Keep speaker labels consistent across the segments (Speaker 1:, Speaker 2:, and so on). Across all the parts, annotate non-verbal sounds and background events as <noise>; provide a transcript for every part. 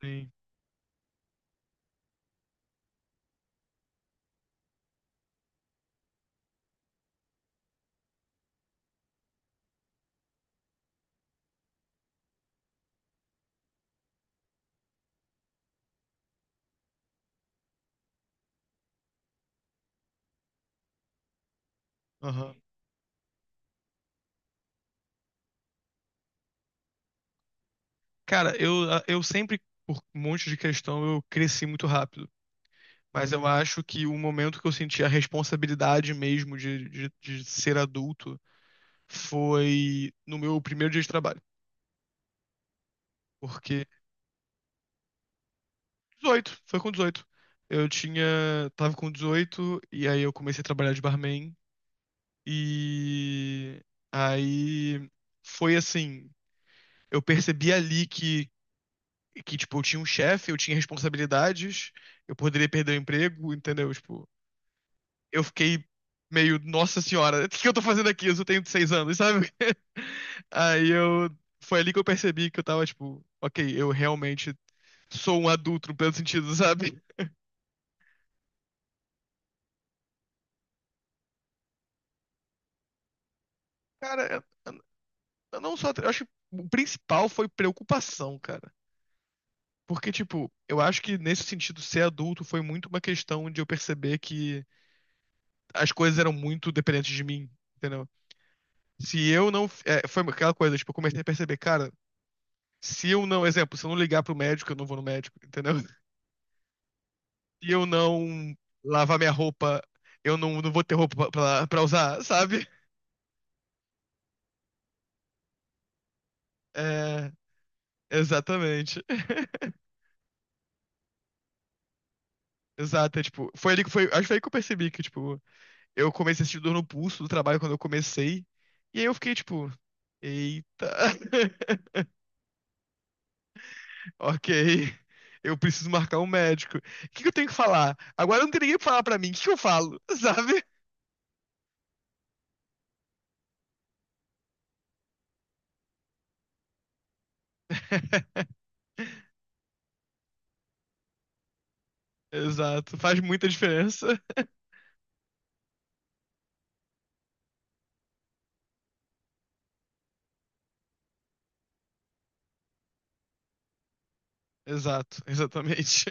Speaker 1: Sim. Aham. Cara, eu sempre, por um monte de questão, eu cresci muito rápido. Mas eu acho que o momento que eu senti a responsabilidade mesmo de ser adulto foi no meu primeiro dia de trabalho. Porque 18, foi com 18. Eu tinha, Tava com 18 e aí eu comecei a trabalhar de barman. E aí foi assim, eu percebi ali que, tipo, eu tinha um chefe, eu tinha responsabilidades, eu poderia perder o emprego, entendeu? Tipo, eu fiquei meio, nossa senhora, o que que eu tô fazendo aqui? Eu só tenho 6 anos, sabe? <laughs> Aí eu. Foi ali que eu percebi que eu tava, tipo, ok, eu realmente sou um adulto no pleno sentido, sabe? Cara, eu não só. Eu acho que o principal foi preocupação, cara. Porque, tipo, eu acho que nesse sentido, ser adulto foi muito uma questão de eu perceber que as coisas eram muito dependentes de mim, entendeu? Se eu não. É, foi aquela coisa, tipo, eu comecei a perceber, cara, se eu não. Exemplo, se eu não ligar pro médico, eu não vou no médico, entendeu? <laughs> Se eu não lavar minha roupa, eu não, não vou ter roupa pra usar, sabe? É. Exatamente. <laughs> Exato, é, tipo, foi ali que foi, acho que foi aí que eu percebi que, tipo, eu comecei a sentir dor no pulso do trabalho quando eu comecei, e aí eu fiquei, tipo, eita, <laughs> ok, eu preciso marcar um médico. O que que eu tenho que falar? Agora não tem ninguém pra falar pra mim, o que que eu falo, <laughs> sabe? <laughs> Exato. Faz muita diferença. Exato, exatamente.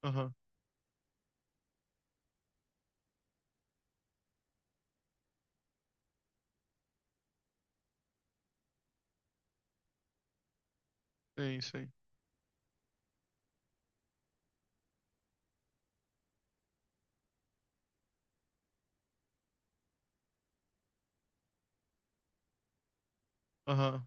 Speaker 1: <laughs> Aham, sim, sim. Aham,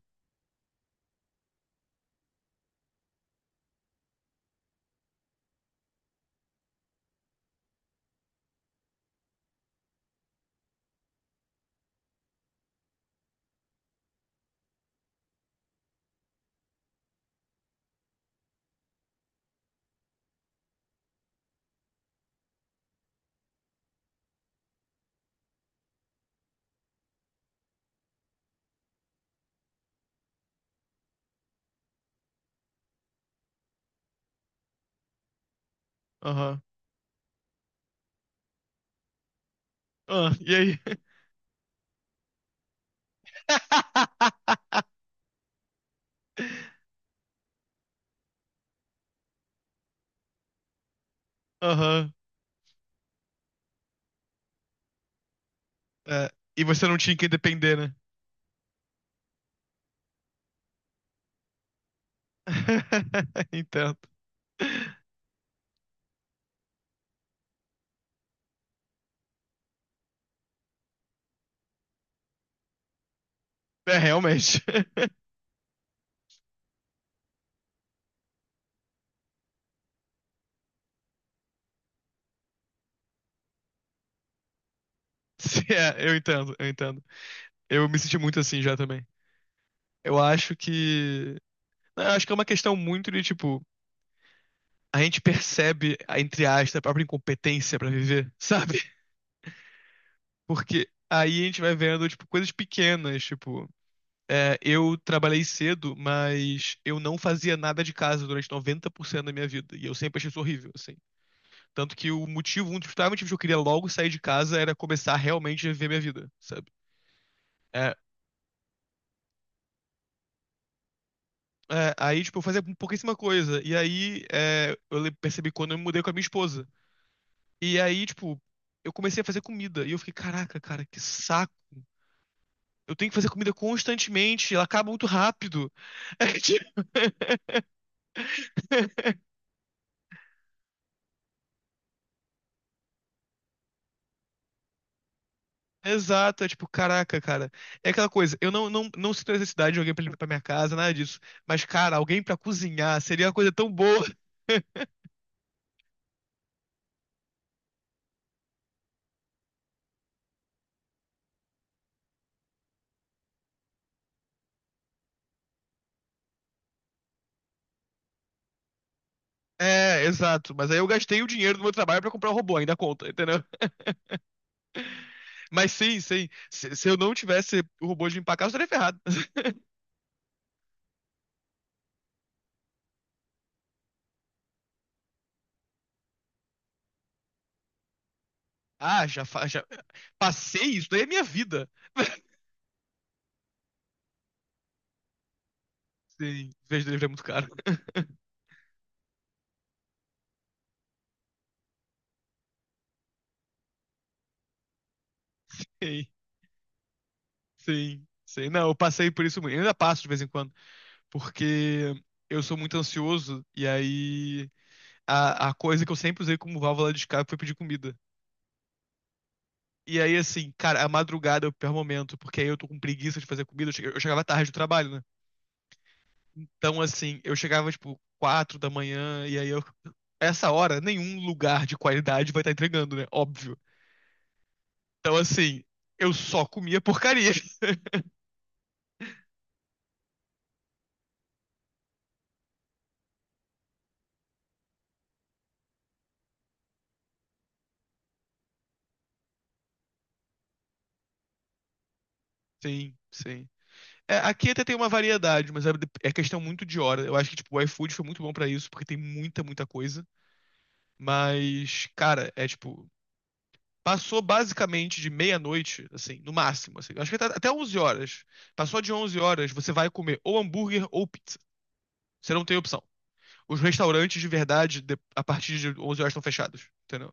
Speaker 1: aham. Ah, e aí? <laughs> Aham. É, e você não tinha quem depender, né? <laughs> Entendo. É, realmente. <laughs> Sim, é, eu entendo, eu entendo. Eu me senti muito assim já também. Eu acho que. Não, eu acho que é uma questão muito de, tipo, a gente percebe, a- entre aspas, a própria incompetência pra viver, <laughs> sabe? Porque aí a gente vai vendo, tipo, coisas pequenas, tipo, é, eu trabalhei cedo, mas eu não fazia nada de casa durante 90% da minha vida. E eu sempre achei isso horrível, assim. Tanto que o motivo, um dos principais motivos que eu queria logo sair de casa era começar realmente a viver minha vida, sabe? É, aí, tipo, eu fazia pouquíssima coisa. E aí, é, eu le- percebi quando eu me mudei com a minha esposa. E aí, tipo, eu comecei a fazer comida. E eu fiquei, caraca, cara, que saco. Eu tenho que fazer comida constantemente, ela acaba muito rápido. <laughs> É, tipo, exato, é tipo, caraca, cara. É aquela coisa, eu não, não, não sinto necessidade de alguém pra limpar pra minha casa, nada disso. Mas, cara, alguém pra cozinhar seria uma coisa tão boa. <laughs> É, exato. Mas aí eu gastei o dinheiro do meu trabalho pra comprar um robô, ainda conta, entendeu? <laughs> Mas sim, sim. Se eu não tivesse o robô de limpar a casa, eu estaria ferrado. <laughs> Ah, já, fa- já passei isso, daí é minha vida. <laughs> Sim, vez delivery é muito caro. <laughs> Sim, sim, sim. Não, eu passei por isso muito. Eu ainda passo de vez em quando, porque eu sou muito ansioso e aí a coisa que eu sempre usei como válvula de escape foi pedir comida. E aí, assim, cara, a madrugada é o pior momento, porque aí eu tô com preguiça de fazer comida. Eu che- eu chegava tarde do trabalho, né? Então, assim, eu chegava, tipo, 4 da manhã, e aí eu. Essa hora, nenhum lugar de qualidade vai estar entregando, né? Óbvio. Então, assim, eu só comia porcaria. <laughs> Sim, sim. É, aqui até tem uma variedade, mas é, é questão muito de hora. Eu acho que, tipo, o iFood foi muito bom pra isso, porque tem muita, muita coisa. Mas, cara, é tipo, passou basicamente de meia-noite, assim, no máximo, assim. Acho que tá até 11 horas. Passou de 11 horas, você vai comer ou hambúrguer ou pizza. Você não tem opção. Os restaurantes, de verdade, de- a partir de 11 horas estão fechados, entendeu?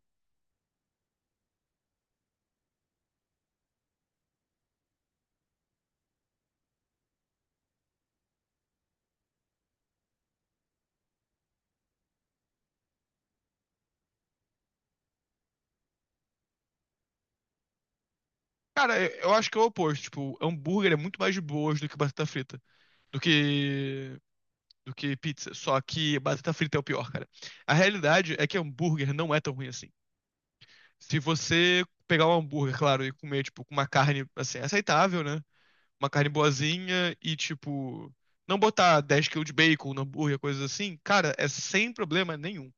Speaker 1: Cara, eu acho que é o oposto. Tipo, hambúrguer é muito mais de boas do que batata frita. Do que... do que pizza. Só que batata frita é o pior, cara. A realidade é que hambúrguer não é tão ruim assim. Se você pegar um hambúrguer, claro, e comer, tipo, com uma carne, assim, aceitável, né? Uma carne boazinha e, tipo, não botar 10 quilos de bacon no hambúrguer, coisas assim, cara, é sem problema nenhum.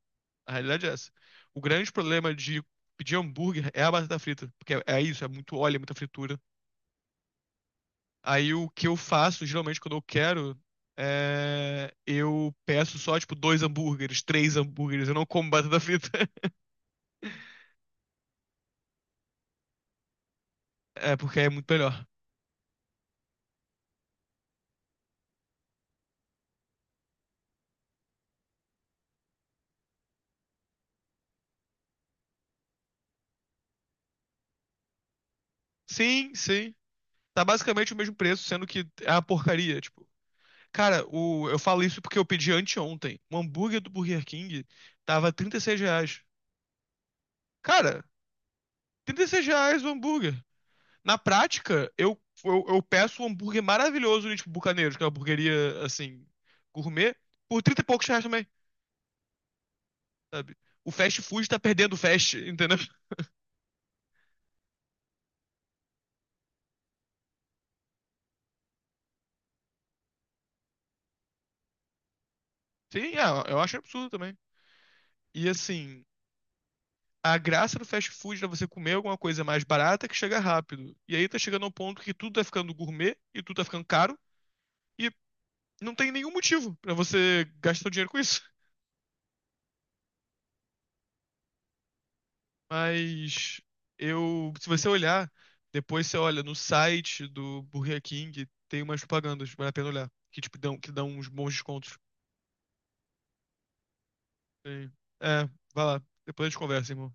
Speaker 1: A realidade é essa. O grande problema de pedir hambúrguer é a batata frita, porque é, é isso, é muito óleo, é muita fritura. Aí o que eu faço, geralmente, quando eu quero, é... eu peço só, tipo, dois hambúrgueres, três hambúrgueres, eu não como batata frita, <laughs> é porque é muito melhor. Sim, sim. Tá basicamente o mesmo preço, sendo que é uma porcaria, tipo. Cara, o, eu falo isso porque eu pedi anteontem. O hambúrguer do Burger King tava R$ 36. Cara, R$ 36 o hambúrguer. Na prática, eu peço um hambúrguer maravilhoso de tipo, Bucaneiros, que é uma hamburgueria, assim, gourmet, por 30 e poucos reais também, sabe? O fast food tá perdendo o fast, <laughs> entendeu? Sim, é, eu acho absurdo também. E assim, a graça do fast food é você comer alguma coisa mais barata que chega rápido. E aí tá chegando ao ponto que tudo tá ficando gourmet e tudo tá ficando caro. E não tem nenhum motivo pra você gastar seu dinheiro com isso. Mas eu, se você olhar, depois você olha no site do Burger King, tem umas propagandas, vale a pena olhar, que tipo dão, que dão uns bons descontos. Sim. É, vai lá, depois a gente conversa, irmão.